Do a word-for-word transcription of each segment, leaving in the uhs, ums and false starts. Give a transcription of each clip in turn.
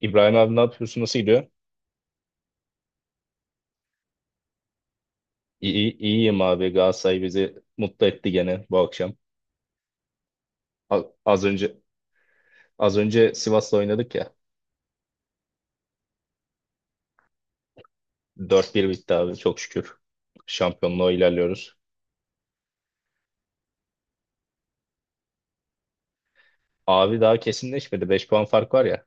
İbrahim abi, ne yapıyorsun? Nasıl gidiyor? İyi, iyi- iyiyim abi. Galatasaray bizi mutlu etti gene bu akşam. A- Az önce az önce Sivas'la oynadık ya. dört bir bitti abi, çok şükür. Şampiyonluğa ilerliyoruz. Abi, daha kesinleşmedi. Beş puan fark var ya.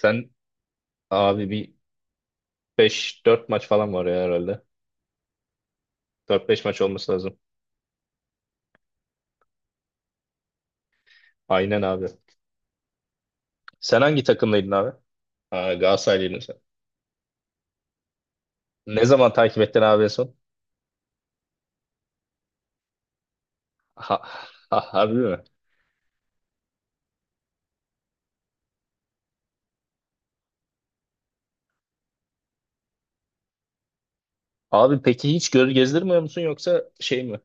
Sen, abi, bir beş dört maç falan var ya herhalde. Dört beş maç olması lazım. Aynen abi. Sen hangi takımdaydın abi? Aa, Galatasaraylıydın sen. Ne zaman takip ettin abi en son? Ha, ha, harbi mi? Abi peki hiç göz gezdirmiyor musun, yoksa şey mi?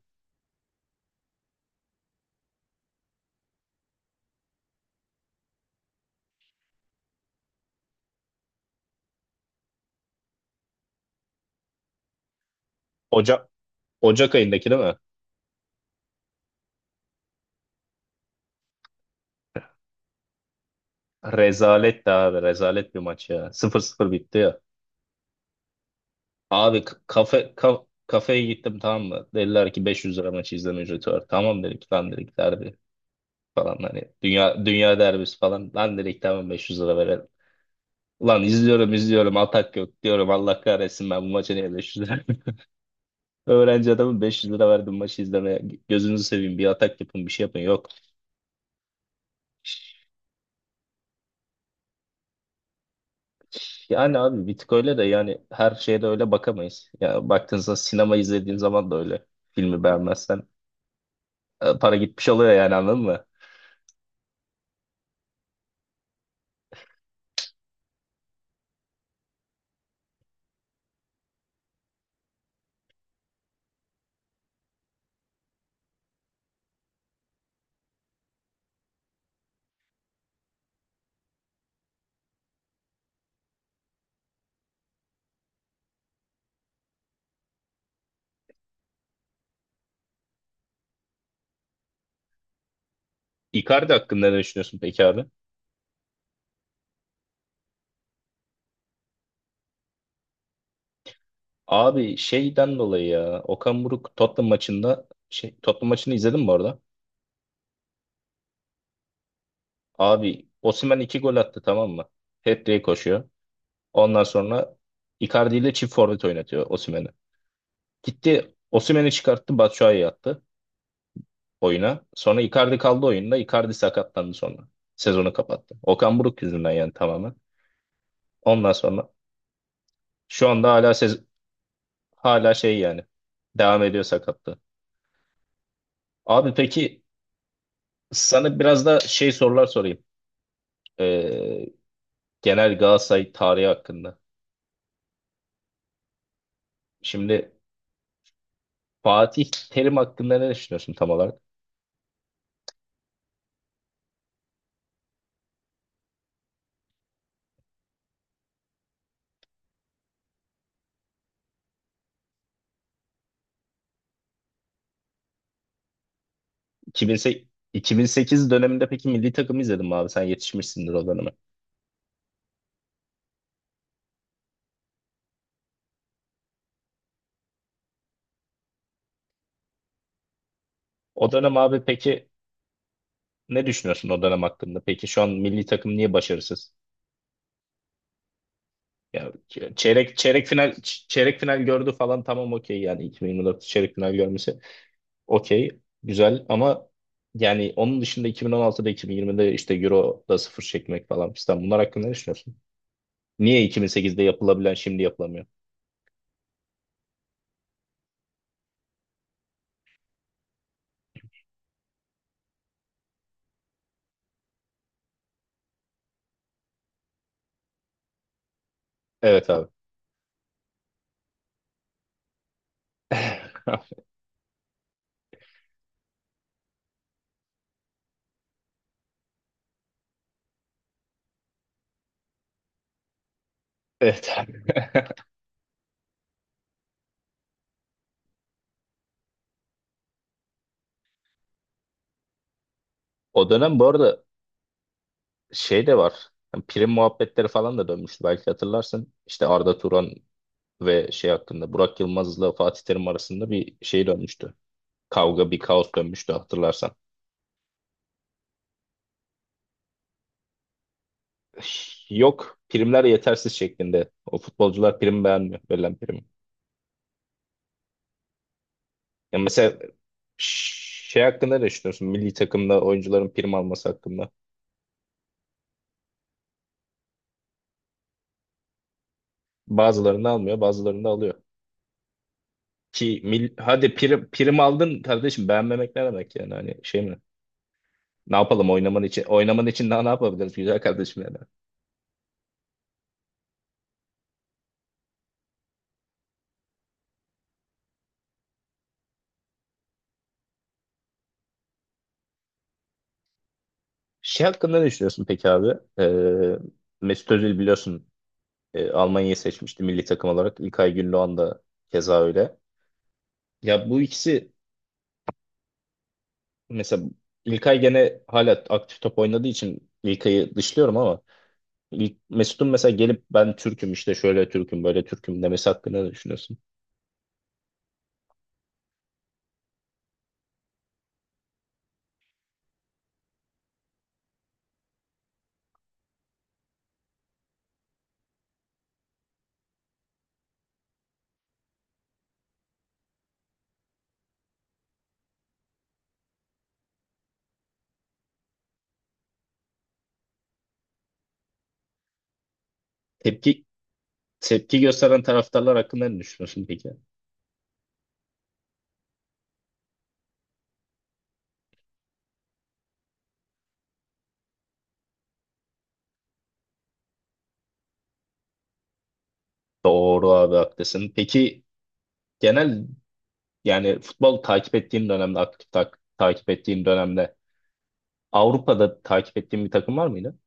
Ocak Ocak ayındaki değil mi? Rezalet de abi, rezalet bir maç ya. sıfır sıfır bitti ya. Abi, k- kafe ka- kafeye gittim, tamam mı? Dediler ki beş yüz lira maçı izleme ücreti var. Tamam dedik, lan dedik derbi falan, hani dünya dünya derbisi falan, lan dedik tamam beş yüz lira verelim. Lan, izliyorum izliyorum atak yok diyorum, Allah kahretsin, ben bu maça niye beş yüz lira. Öğrenci adamın, beş yüz lira verdim maçı izlemeye, gözünüzü seveyim, bir atak yapın, bir şey yapın, yok. Yani abi bir tık öyle de, yani her şeye de öyle bakamayız. Ya baktığınızda sinema izlediğin zaman da öyle. Filmi beğenmezsen e, para gitmiş oluyor yani, anladın mı? Icardi hakkında ne düşünüyorsun peki abi? Abi, şeyden dolayı ya, Okan Buruk Tottenham maçında, şey, Tottenham maçını izledin mi orada? Abi, Osimhen iki gol attı, tamam mı? Hat-trick koşuyor. Ondan sonra Icardi ile çift forvet oynatıyor Osimhen'i. Gitti Osimhen'i çıkarttı, Batshuayi'yi attı oyuna. Sonra Icardi kaldı oyunda. Icardi sakatlandı sonra. Sezonu kapattı. Okan Buruk yüzünden yani, tamamen. Ondan sonra şu anda hala sez- hala şey yani devam ediyor sakatlığı. Abi peki sana biraz da şey sorular sorayım. Ee, genel Galatasaray tarihi hakkında. Şimdi Fatih Terim hakkında ne düşünüyorsun tam olarak? iki bin sekiz, iki bin sekiz döneminde peki milli takımı izledin mi abi? Sen yetişmişsindir o döneme. O dönem abi peki ne düşünüyorsun o dönem hakkında? Peki şu an milli takım niye başarısız? Ya, ç- çeyrek çeyrek final ç- çeyrek final gördü falan, tamam okey, yani iki bin yirmi dört çeyrek final görmesi okey, güzel, ama yani onun dışında iki bin on altıda, iki bin yirmide, işte Euro'da sıfır çekmek falan fistan, bunlar hakkında ne düşünüyorsun? Niye iki bin sekizde yapılabilen şimdi yapılamıyor? Evet abi. Evet abi. O dönem bu arada şey de var. Yani prim muhabbetleri falan da dönmüştü, belki hatırlarsın. İşte Arda Turan ve şey hakkında, Burak Yılmaz'la Fatih Terim arasında bir şey dönmüştü. Kavga, bir kaos dönmüştü, hatırlarsan. Yok, primler yetersiz şeklinde. O futbolcular prim beğenmiyor. Verilen prim. Ya mesela ş- şey hakkında ne düşünüyorsun? Milli takımda oyuncuların prim alması hakkında. Bazılarını almıyor, bazılarını da alıyor. Ki mil, hadi prim, prim, aldın kardeşim, beğenmemek ne demek, yani hani şey mi? Ne yapalım, oynaman için oynaman için daha ne yapabiliriz güzel kardeşim yani. Şey hakkında ne düşünüyorsun peki abi? Ee, Mesut Özil biliyorsun, E, Almanya'yı seçmişti milli takım olarak. İlkay Gündoğan da keza öyle. Ya bu ikisi mesela, İlkay gene hala aktif top oynadığı için İlkay'ı dışlıyorum ama İl- Mesut'un mesela gelip, ben Türk'üm işte, şöyle Türk'üm, böyle Türk'üm demesi hakkında ne düşünüyorsun? Tepki tepki gösteren taraftarlar hakkında ne düşünüyorsun peki? Doğru abi, haklısın. Peki genel, yani futbol takip ettiğin dönemde, aktif tak- takip ettiğin dönemde, Avrupa'da takip ettiğin bir takım var mıydı?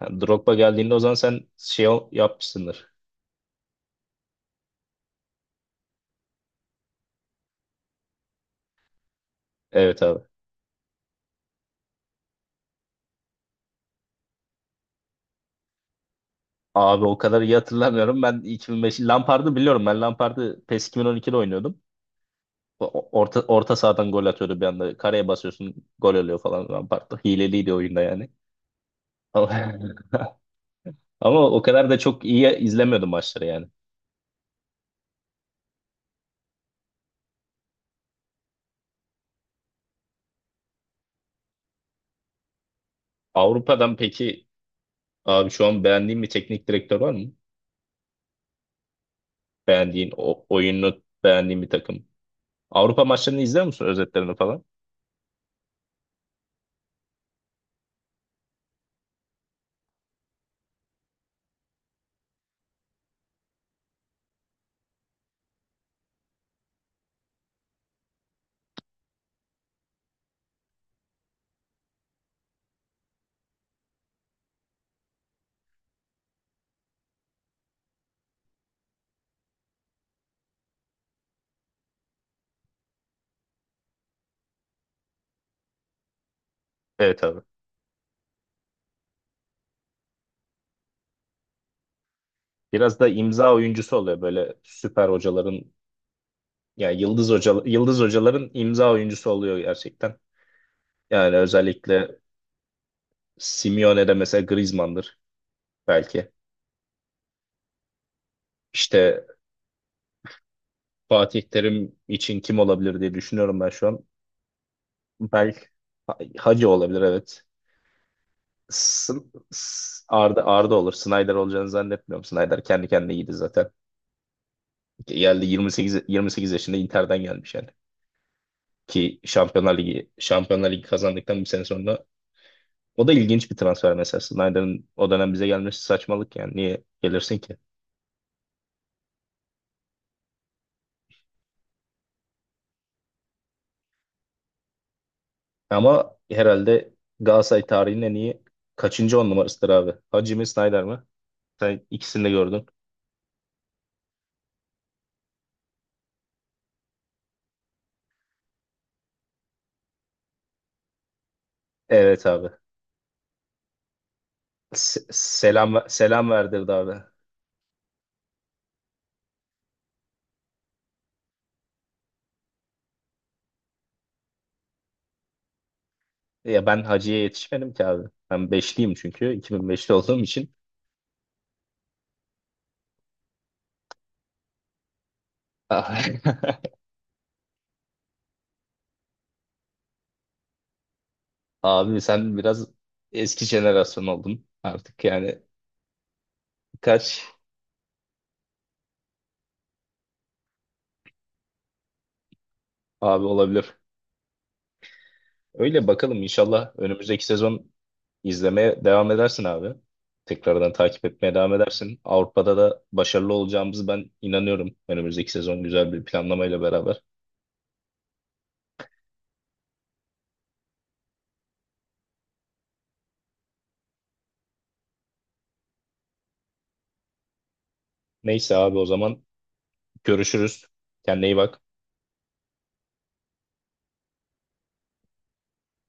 Yani Drogba geldiğinde o zaman sen şey ol- yapmışsındır. Evet abi. Abi, o kadar iyi hatırlamıyorum. Ben iki bin beş Lampard'ı biliyorum. Ben Lampard'ı PES iki bin on ikide oynuyordum. O- Orta, orta sahadan gol atıyordu bir anda. Kareye basıyorsun gol oluyor falan Lampard'da. Hileliydi oyunda yani. Ama, ama o kadar da çok iyi izlemiyordum maçları yani. Avrupa'dan peki abi, şu an beğendiğin bir teknik direktör var mı? Beğendiğin, o, oyunu beğendiğin bir takım. Avrupa maçlarını izliyor musun, özetlerini falan? Evet abi. Biraz da imza oyuncusu oluyor böyle süper hocaların, yani yıldız hoca yıldız hocaların imza oyuncusu oluyor gerçekten. Yani özellikle Simeone'de mesela Griezmann'dır belki. İşte Fatih Terim için kim olabilir diye düşünüyorum ben şu an. Belki Ha- Hacı olabilir, evet. S- S- Arda Arda olur. Snyder olacağını zannetmiyorum. Snyder kendi kendine iyiydi zaten. Geldi yirmi sekiz yirmi sekiz yaşında Inter'den gelmiş yani. Ki Şampiyonlar Ligi Şampiyonlar Ligi kazandıktan bir sene sonra. O da ilginç bir transfer mesela. Snyder'ın o dönem bize gelmesi saçmalık yani. Niye gelirsin ki? Ama herhalde Galatasaray tarihinin en iyi kaçıncı on numarasıdır abi? Hacı mi, Snyder mi? Sen ikisini de gördün. Evet abi. Se- selam selam verdirdi abi. Ya ben Hacı'ya yetişmedim ki abi. Ben beşliyim çünkü. iki bin beşli olduğum için. Abi sen biraz eski jenerasyon oldun artık yani. Kaç abi olabilir? Öyle bakalım, inşallah önümüzdeki sezon izlemeye devam edersin abi. Tekrardan takip etmeye devam edersin. Avrupa'da da başarılı olacağımızı ben inanıyorum. Önümüzdeki sezon güzel bir planlamayla beraber. Neyse abi, o zaman görüşürüz. Kendine iyi bak.